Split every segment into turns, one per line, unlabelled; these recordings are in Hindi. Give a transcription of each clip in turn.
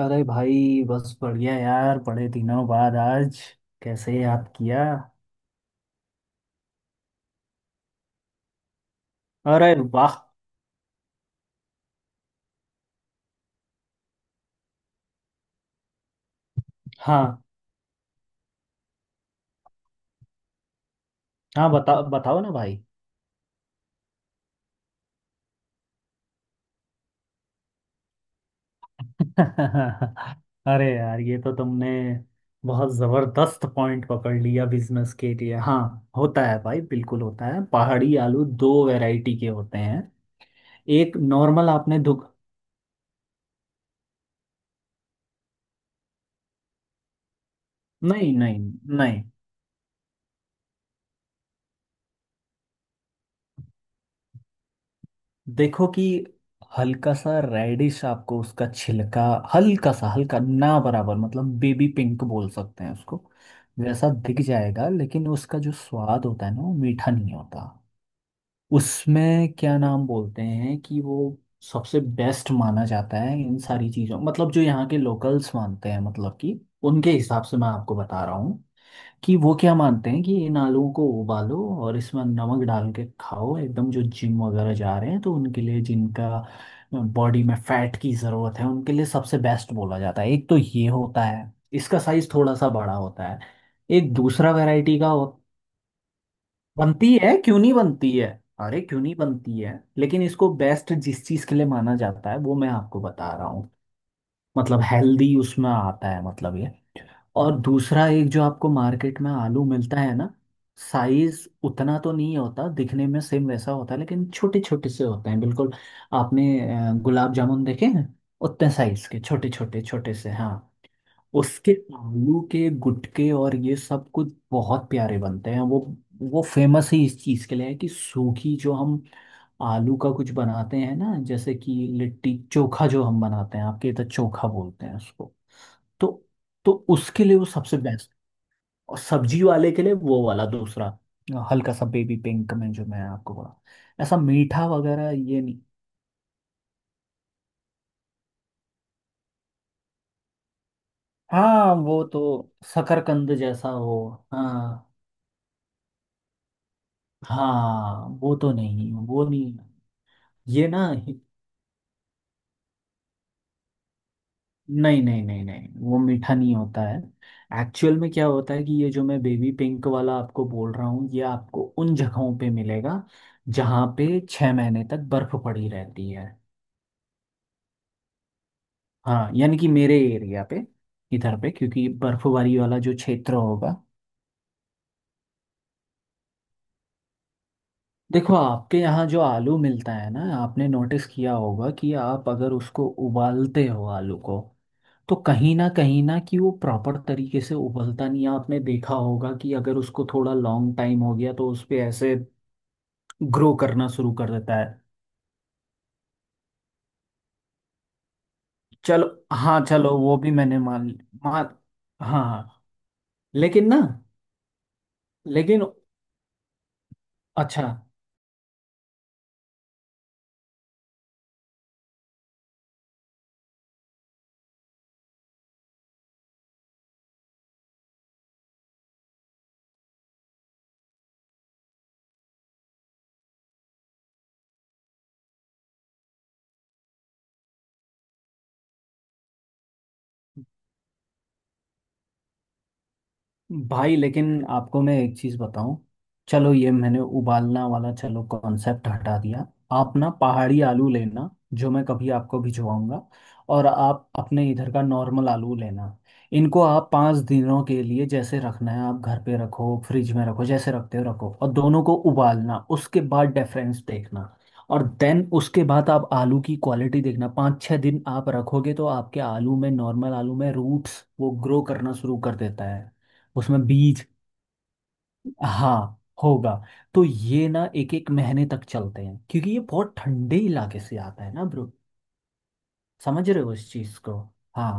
अरे भाई। बस बढ़िया यार, बड़े दिनों बाद आज कैसे याद किया। अरे वाह। हाँ हाँ, बताओ बताओ ना भाई। अरे यार, ये तो तुमने बहुत जबरदस्त पॉइंट पकड़ लिया बिजनेस के लिए। हाँ, होता है भाई, बिल्कुल होता है। पहाड़ी आलू दो वैरायटी के होते हैं। एक नॉर्मल आपने दुख... नहीं नहीं नहीं, देखो कि हल्का सा रेडिश आपको उसका छिलका, हल्का सा, हल्का ना बराबर, मतलब बेबी पिंक बोल सकते हैं उसको। वैसा दिख जाएगा, लेकिन उसका जो स्वाद होता है ना, वो मीठा नहीं होता। उसमें क्या नाम बोलते हैं कि वो सबसे बेस्ट माना जाता है इन सारी चीज़ों, मतलब जो यहाँ के लोकल्स मानते हैं, मतलब कि उनके हिसाब से मैं आपको बता रहा हूँ कि वो क्या मानते हैं, कि इन आलूओं को उबालो और इसमें नमक डाल के खाओ। एकदम जो जिम वगैरह जा रहे हैं तो उनके लिए, जिनका बॉडी में फैट की ज़रूरत है उनके लिए सबसे बेस्ट बोला जाता है। एक तो ये होता है, इसका साइज थोड़ा सा बड़ा होता है। एक दूसरा वैरायटी का हो... बनती है, क्यों नहीं बनती है। अरे क्यों नहीं बनती है, लेकिन इसको बेस्ट जिस चीज़ के लिए माना जाता है वो मैं आपको बता रहा हूँ, मतलब हेल्दी उसमें आता है, मतलब ये। और दूसरा एक जो आपको मार्केट में आलू मिलता है ना, साइज उतना तो नहीं होता, दिखने में सेम वैसा होता है, लेकिन छोटे छोटे से होते हैं बिल्कुल। आपने गुलाब जामुन देखे हैं? उतने साइज के, छोटे छोटे छोटे से। हाँ, उसके आलू के गुटके और ये सब कुछ बहुत प्यारे बनते हैं वो। वो फेमस ही इस चीज़ के लिए है कि सूखी जो हम आलू का कुछ बनाते हैं ना, जैसे कि लिट्टी चोखा जो हम बनाते हैं, आपके इधर चोखा बोलते हैं उसको। तो तो उसके लिए वो सबसे बेस्ट, और सब्जी वाले के लिए वो वाला दूसरा, हल्का सा बेबी पिंक में जो मैं आपको बोला, ऐसा मीठा वगैरह ये नहीं। हाँ, वो तो शकरकंद जैसा हो... हाँ हाँ, वो तो नहीं, वो नहीं। ये ना ही- नहीं नहीं नहीं नहीं, वो मीठा नहीं होता है। एक्चुअल में क्या होता है कि ये जो मैं बेबी पिंक वाला आपको बोल रहा हूँ, ये आपको उन जगहों पे मिलेगा जहाँ पे 6 महीने तक बर्फ पड़ी रहती है। हाँ, यानी कि मेरे एरिया पे, इधर पे, क्योंकि बर्फबारी वाला जो क्षेत्र होगा। देखो आपके यहाँ जो आलू मिलता है ना, आपने नोटिस किया होगा कि आप अगर उसको उबालते हो, आलू को, तो कहीं ना कि वो प्रॉपर तरीके से उबलता नहीं है। आपने देखा होगा कि अगर उसको थोड़ा लॉन्ग टाइम हो गया तो उस पे ऐसे ग्रो करना शुरू कर देता है। चलो, हाँ चलो, वो भी मैंने मान, मान। हाँ हाँ, लेकिन ना, लेकिन अच्छा। भाई, लेकिन आपको मैं एक चीज़ बताऊं। चलो, ये मैंने उबालना वाला चलो कॉन्सेप्ट हटा दिया। आप ना पहाड़ी आलू लेना, जो मैं कभी आपको भिजवाऊंगा, और आप अपने इधर का नॉर्मल आलू लेना। इनको आप 5 दिनों के लिए, जैसे रखना है आप घर पे रखो, फ्रिज में रखो, जैसे रखते हो रखो, और दोनों को उबालना, उसके बाद डिफरेंस देखना। और देन उसके बाद आप आलू की क्वालिटी देखना। 5-6 दिन आप रखोगे तो आपके आलू में, नॉर्मल आलू में, रूट्स वो ग्रो करना शुरू कर देता है। उसमें बीज, हाँ, होगा। तो ये ना एक एक महीने तक चलते हैं, क्योंकि ये बहुत ठंडे इलाके से आता है ना ब्रो। समझ रहे हो इस चीज को? हाँ,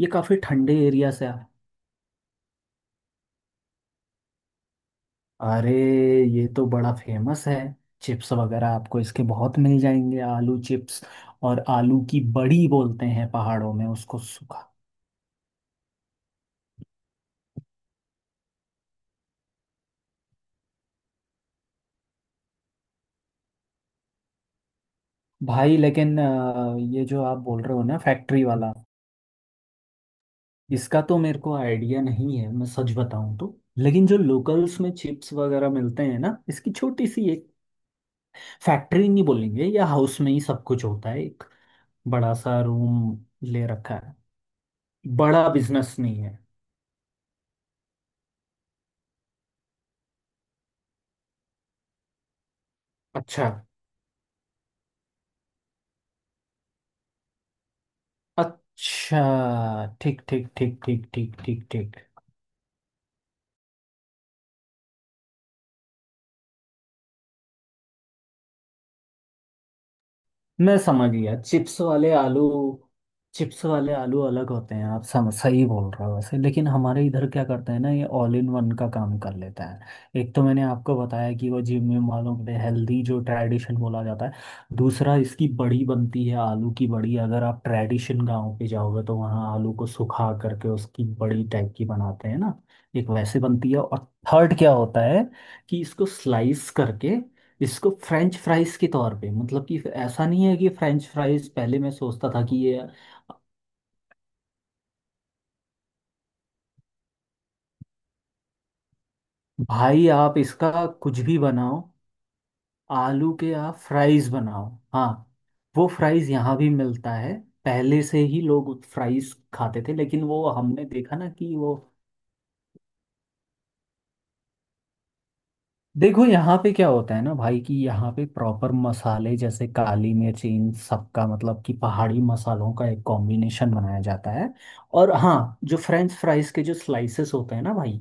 ये काफी ठंडे एरिया से आ-। अरे, ये तो बड़ा फेमस है, चिप्स वगैरह आपको इसके बहुत मिल जाएंगे, आलू चिप्स, और आलू की बड़ी बोलते हैं पहाड़ों में उसको, सूखा। भाई, लेकिन ये जो आप बोल रहे हो ना फैक्ट्री वाला, इसका तो मेरे को आइडिया नहीं है, मैं सच बताऊं तो, लेकिन जो लोकल्स में चिप्स वगैरह मिलते हैं ना, इसकी छोटी सी एक फैक्ट्री नहीं बोलेंगे, या हाउस में ही सब कुछ होता है, एक बड़ा सा रूम ले रखा है, बड़ा बिजनेस नहीं है। अच्छा। अच्छा ठीक ठीक ठीक ठीक ठीक ठीक ठीक। मैं समझ गया, चिप्स वाले आलू, चिप्स वाले आलू अलग होते हैं। आप सही बोल रहे हो वैसे, लेकिन हमारे इधर क्या करते हैं ना, ये ऑल इन वन का काम कर लेता है। एक तो मैंने आपको बताया कि वो जिम में वालों के लिए हेल्दी, जो ट्रेडिशन बोला जाता है। दूसरा, इसकी बड़ी बनती है, आलू की बड़ी, अगर आप ट्रेडिशन गांव पे जाओगे तो वहाँ आलू को सुखा करके उसकी बड़ी टाइप की बनाते हैं ना, एक वैसे बनती है। और थर्ड क्या होता है कि इसको स्लाइस करके इसको फ्रेंच फ्राइज के तौर पे, मतलब कि ऐसा नहीं है कि फ्रेंच फ्राइज पहले मैं सोचता था कि ये... भाई, आप इसका कुछ भी बनाओ, आलू के आप फ्राइज बनाओ। हाँ, वो फ्राइज यहाँ भी मिलता है, पहले से ही लोग फ्राइज खाते थे, लेकिन वो हमने देखा ना कि वो... देखो यहाँ पे क्या होता है ना भाई, कि यहाँ पे प्रॉपर मसाले जैसे काली मिर्च, इन सबका, मतलब कि पहाड़ी मसालों का एक कॉम्बिनेशन बनाया जाता है। और हाँ, जो फ्रेंच फ्राइज के जो स्लाइसेस होते हैं ना भाई,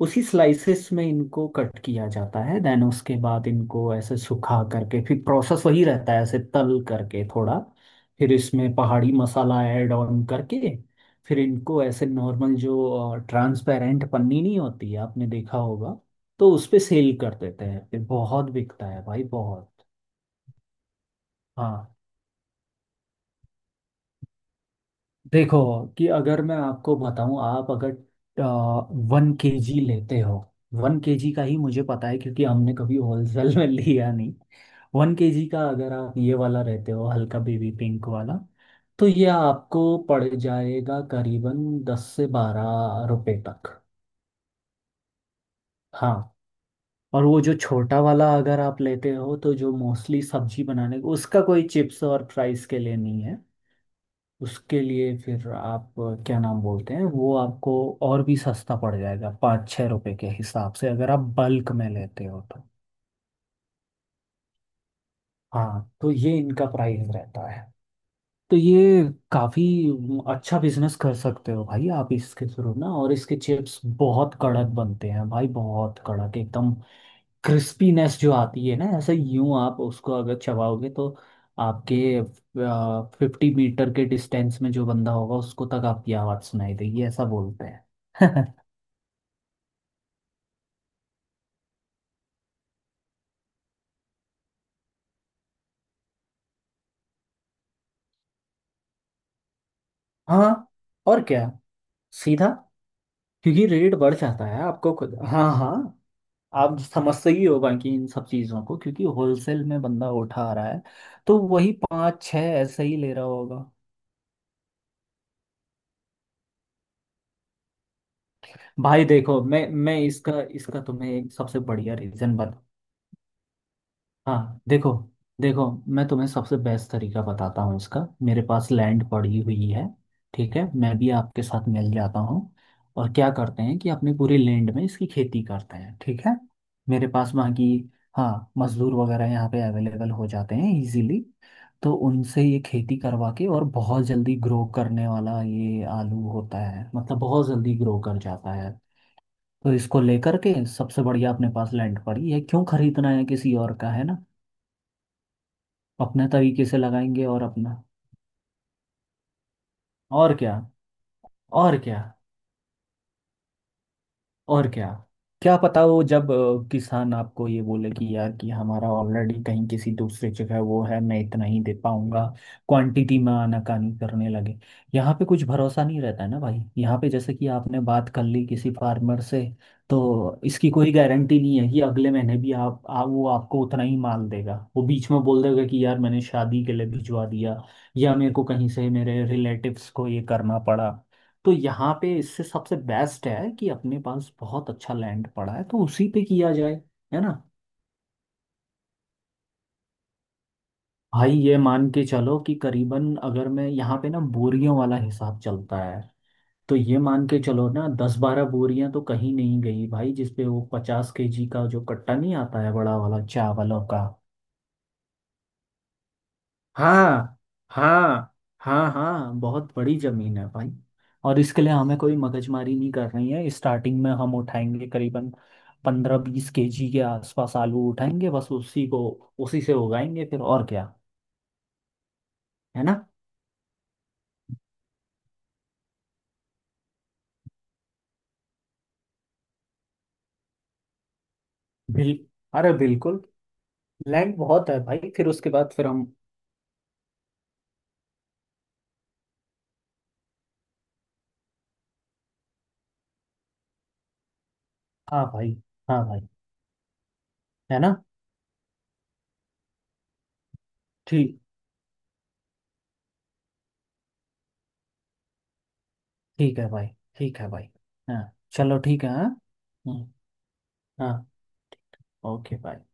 उसी स्लाइसेस में इनको कट किया जाता है। देन उसके बाद इनको ऐसे सुखा करके, फिर प्रोसेस वही रहता है, ऐसे तल करके थोड़ा, फिर इसमें पहाड़ी मसाला ऐड ऑन करके, फिर इनको ऐसे नॉर्मल जो ट्रांसपेरेंट पन्नी नहीं होती है आपने देखा होगा, तो उस पे सेल कर देते हैं। फिर बहुत बिकता है भाई, बहुत। हाँ, देखो, कि अगर मैं आपको बताऊं, आप अगर 1 केजी लेते हो, वन केजी का ही मुझे पता है क्योंकि हमने कभी होलसेल में लिया नहीं। 1 केजी का अगर आप ये वाला रहते हो, हल्का बेबी पिंक वाला, तो ये आपको पड़ जाएगा करीबन 10 से 12 रुपए तक। हाँ, और वो जो छोटा वाला अगर आप लेते हो, तो जो मोस्टली सब्जी बनाने, उसका कोई चिप्स और फ्राइज के लिए नहीं है, उसके लिए फिर आप क्या नाम बोलते हैं वो आपको, और भी सस्ता पड़ जाएगा, 5-6 रुपए के हिसाब से अगर आप बल्क में लेते हो तो। हाँ, तो ये इनका प्राइस रहता है। तो ये काफ़ी अच्छा बिजनेस कर सकते हो भाई आप इसके थ्रू ना। और इसके चिप्स बहुत कड़क बनते हैं भाई, बहुत कड़क एकदम। क्रिस्पीनेस जो आती है ना, ऐसे यूं आप उसको अगर चबाओगे तो आपके 50 मीटर के डिस्टेंस में जो बंदा होगा उसको तक आपकी आवाज़ सुनाई देगी, ऐसा बोलते हैं। हाँ, और क्या, सीधा। क्योंकि रेट बढ़ जाता है आपको खुद। हाँ हाँ, आप समझते ही हो बाकी इन सब चीज़ों को, क्योंकि होलसेल में बंदा उठा रहा है, तो वही पाँच छः ऐसे ही ले रहा होगा। भाई देखो, मैं इसका इसका तुम्हें एक सबसे बढ़िया रीज़न... हाँ देखो, देखो, मैं तुम्हें सबसे बेस्ट तरीका बताता हूँ इसका। मेरे पास लैंड पड़ी हुई है, ठीक है, मैं भी आपके साथ मिल जाता हूँ। और क्या करते हैं कि अपनी पूरी लैंड में इसकी खेती करते हैं, ठीक है। मेरे पास वहाँ की, हाँ, मजदूर वगैरह यहाँ पे अवेलेबल हो जाते हैं इजीली। तो उनसे ये खेती करवा के, और बहुत जल्दी ग्रो करने वाला ये आलू होता है, मतलब बहुत जल्दी ग्रो कर जाता है। तो इसको लेकर के सबसे बढ़िया, अपने पास लैंड पड़ी है, क्यों खरीदना है किसी और का, है ना। अपने तरीके से लगाएंगे और अपना, और क्या, और क्या, और क्या। क्या पता वो जब किसान आपको ये बोले कि यार कि हमारा ऑलरेडी कहीं किसी दूसरे जगह वो है, मैं इतना ही दे पाऊंगा, क्वांटिटी में आनाकानी करने लगे। यहाँ पे कुछ भरोसा नहीं रहता है ना भाई, यहाँ पे जैसे कि आपने बात कर ली किसी फार्मर से, तो इसकी कोई गारंटी नहीं है कि अगले महीने भी वो आपको उतना ही माल देगा, वो बीच में बोल देगा कि यार मैंने शादी के लिए भिजवा दिया, या मेरे को कहीं से मेरे रिलेटिव्स को ये करना पड़ा। तो यहाँ पे इससे सबसे बेस्ट है कि अपने पास बहुत अच्छा लैंड पड़ा है तो उसी पे किया जाए, है ना। भाई ये मान के चलो कि करीबन, अगर मैं यहाँ पे ना बोरियों वाला हिसाब चलता है, तो ये मान के चलो ना 10-12 बोरियां तो कहीं नहीं गई भाई, जिसपे वो 50 केजी का जो कट्टा नहीं आता है, बड़ा वाला, चावलों का। हाँ, हाँ हाँ, हाँ बहुत बड़ी जमीन है भाई। और इसके लिए हमें कोई मगजमारी नहीं कर रही है। स्टार्टिंग में हम उठाएंगे करीबन 15-20 केजी के आसपास आलू उठाएंगे, बस उसी को उसी से उगाएंगे, फिर और क्या। है ना, बिल... अरे बिल्कुल, लैंड बहुत है भाई, फिर उसके बाद फिर हम... हाँ भाई, हाँ भाई, है ना, ठीक, ठीक है भाई, ठीक है भाई। हाँ, चलो ठीक है। हाँ। हम्म। हाँ, ओके भाई।